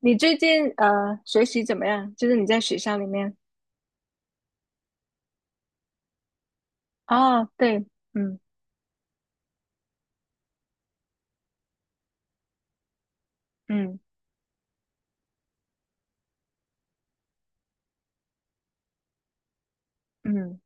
你最近学习怎么样？就是你在学校里面。哦，对。嗯嗯嗯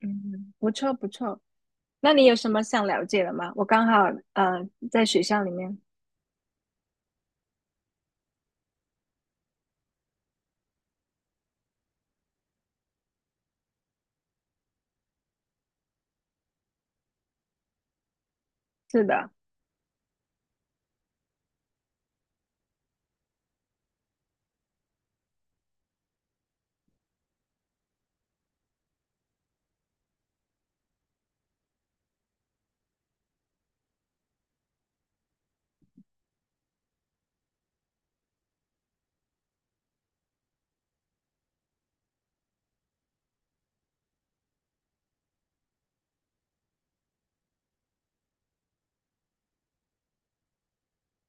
嗯，不错不错。那你有什么想了解的吗？我刚好呃在学校里面。是的。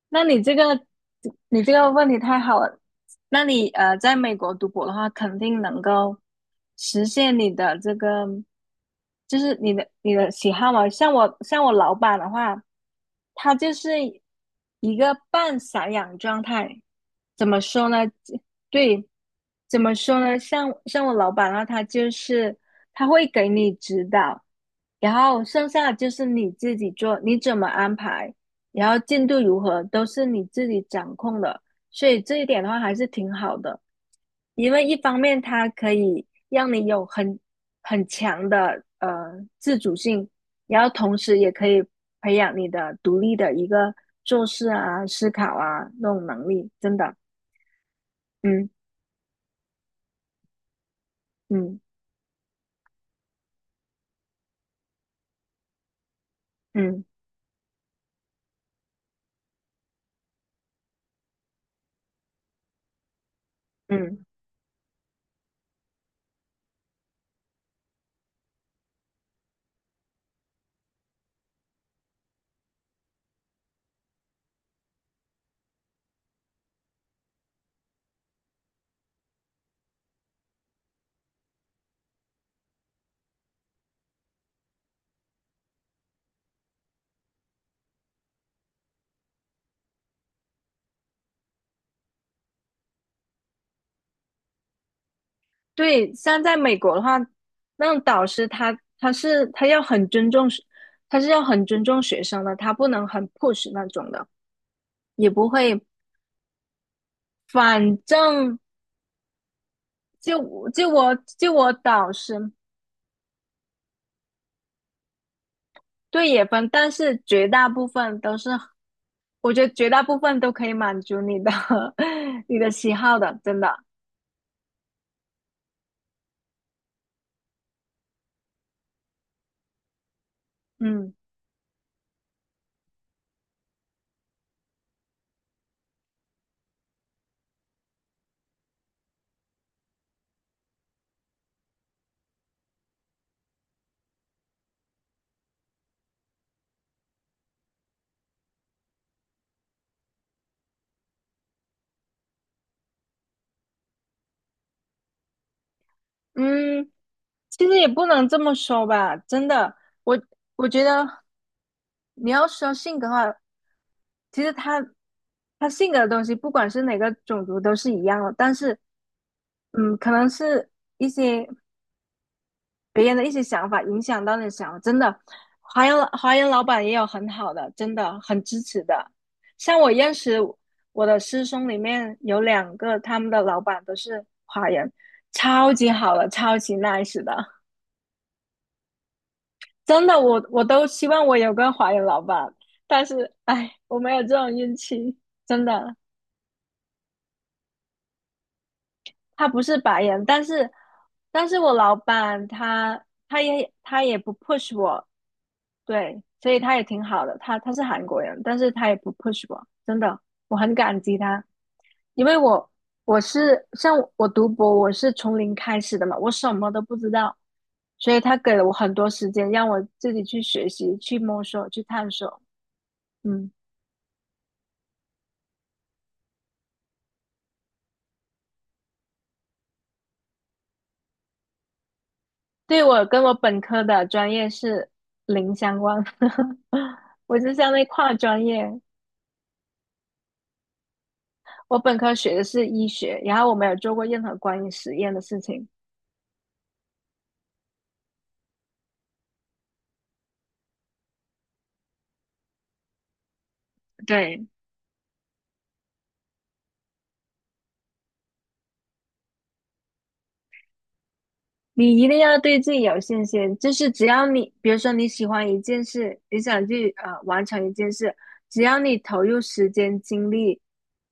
那你这个问题太好了。那你在美国读博的话，肯定能够实现你的这个，就是你的喜好嘛。像我老板的话，他就是一个半散养状态。怎么说呢？对。怎么说呢？像我老板的话，他就是他会给你指导，然后剩下的就是你自己做，你怎么安排，然后进度如何都是你自己掌控的，所以这一点的话还是挺好的。因为一方面它可以让你有很强的自主性，然后同时也可以培养你的独立的一个做事啊、思考啊那种能力，真的。嗯嗯嗯嗯。对，像在美国的话，那种导师他他是他要很尊重学，他是要很尊重学生的，他不能很 push 那种的，也不会。反正就我导师。对，也分，但是绝大部分都是，我觉得绝大部分都可以满足你的 你的喜好的，真的。嗯嗯，其实也不能这么说吧，真的。我我觉得你要说性格的话，其实他性格的东西，不管是哪个种族都是一样的。但是，可能是一些。别人的一些想法影响到你的想法，真的。华人老板也有很好的，真的很支持的。像我认识我的师兄里面有2个，他们的老板都是华人，超级好的，超级 nice 的，真的。我都希望我有个华人老板，但是哎，我没有这种运气，真的。他不是白人，但是我老板他也不 push 我。对，所以他也挺好的。他是韩国人，但是他也不 push 我，真的，我很感激他。因为我是像我读博，我是从零开始的嘛，我什么都不知道，所以他给了我很多时间，让我自己去学习、去摸索、去探索。嗯。对，我跟我本科的专业是零相关，我就相当于跨专业。我本科学的是医学，然后我没有做过任何关于实验的事情。对，你一定要对自己有信心，就是只要你，比如说你喜欢一件事，你想去完成一件事，只要你投入时间、精力，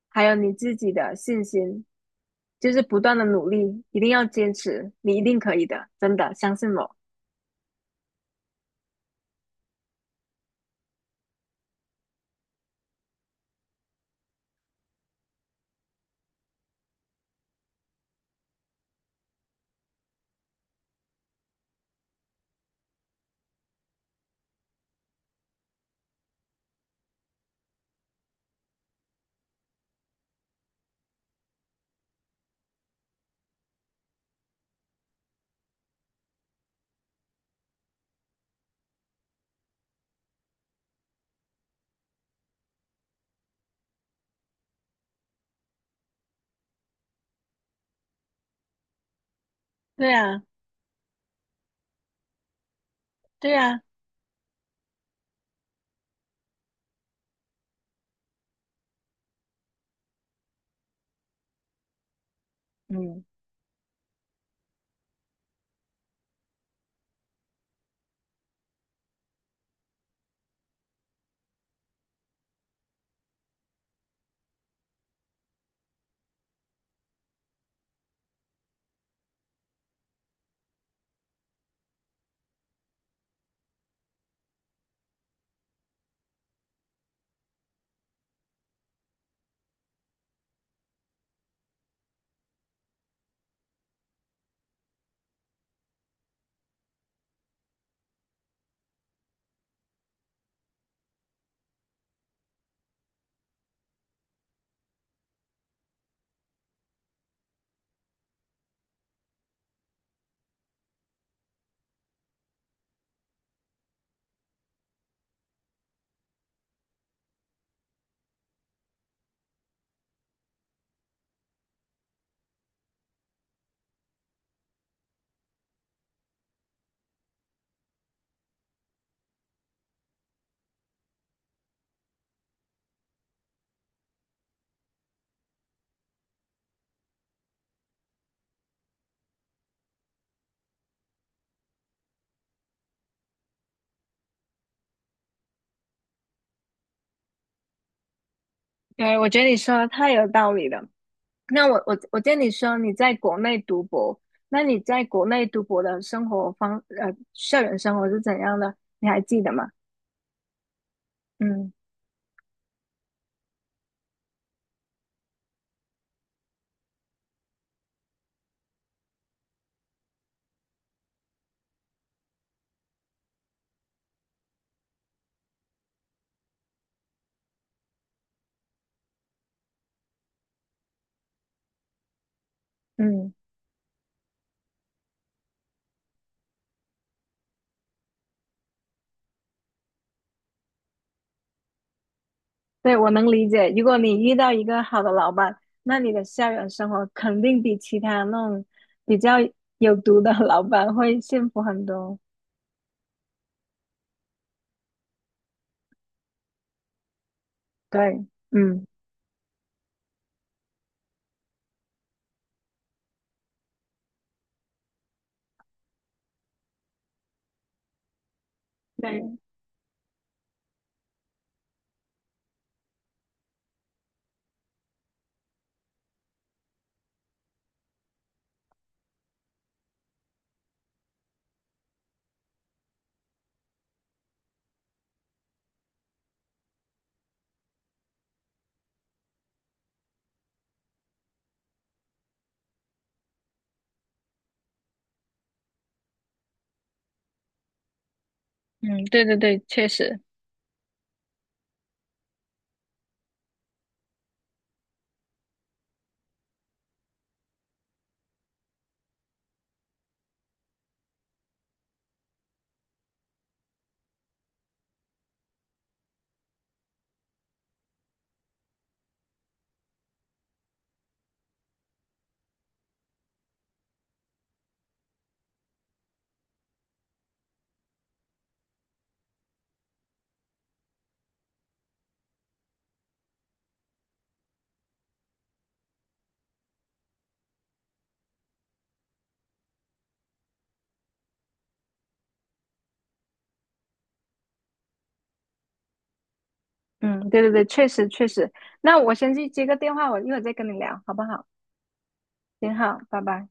还有你自己的信心，就是不断的努力，一定要坚持，你一定可以的，真的，相信我。对啊，对啊。嗯。对，我觉得你说的太有道理了。那我见你说你在国内读博，那你在国内读博的生活方呃校园生活是怎样的？你还记得吗？嗯嗯。对，我能理解。如果你遇到一个好的老板，那你的校园生活肯定比其他那种比较有毒的老板会幸福很多。对。嗯。对。嗯。对对对，确实。嗯。对对对，确实确实。那我先去接个电话，我一会儿再跟你聊，好不好？挺好，拜拜。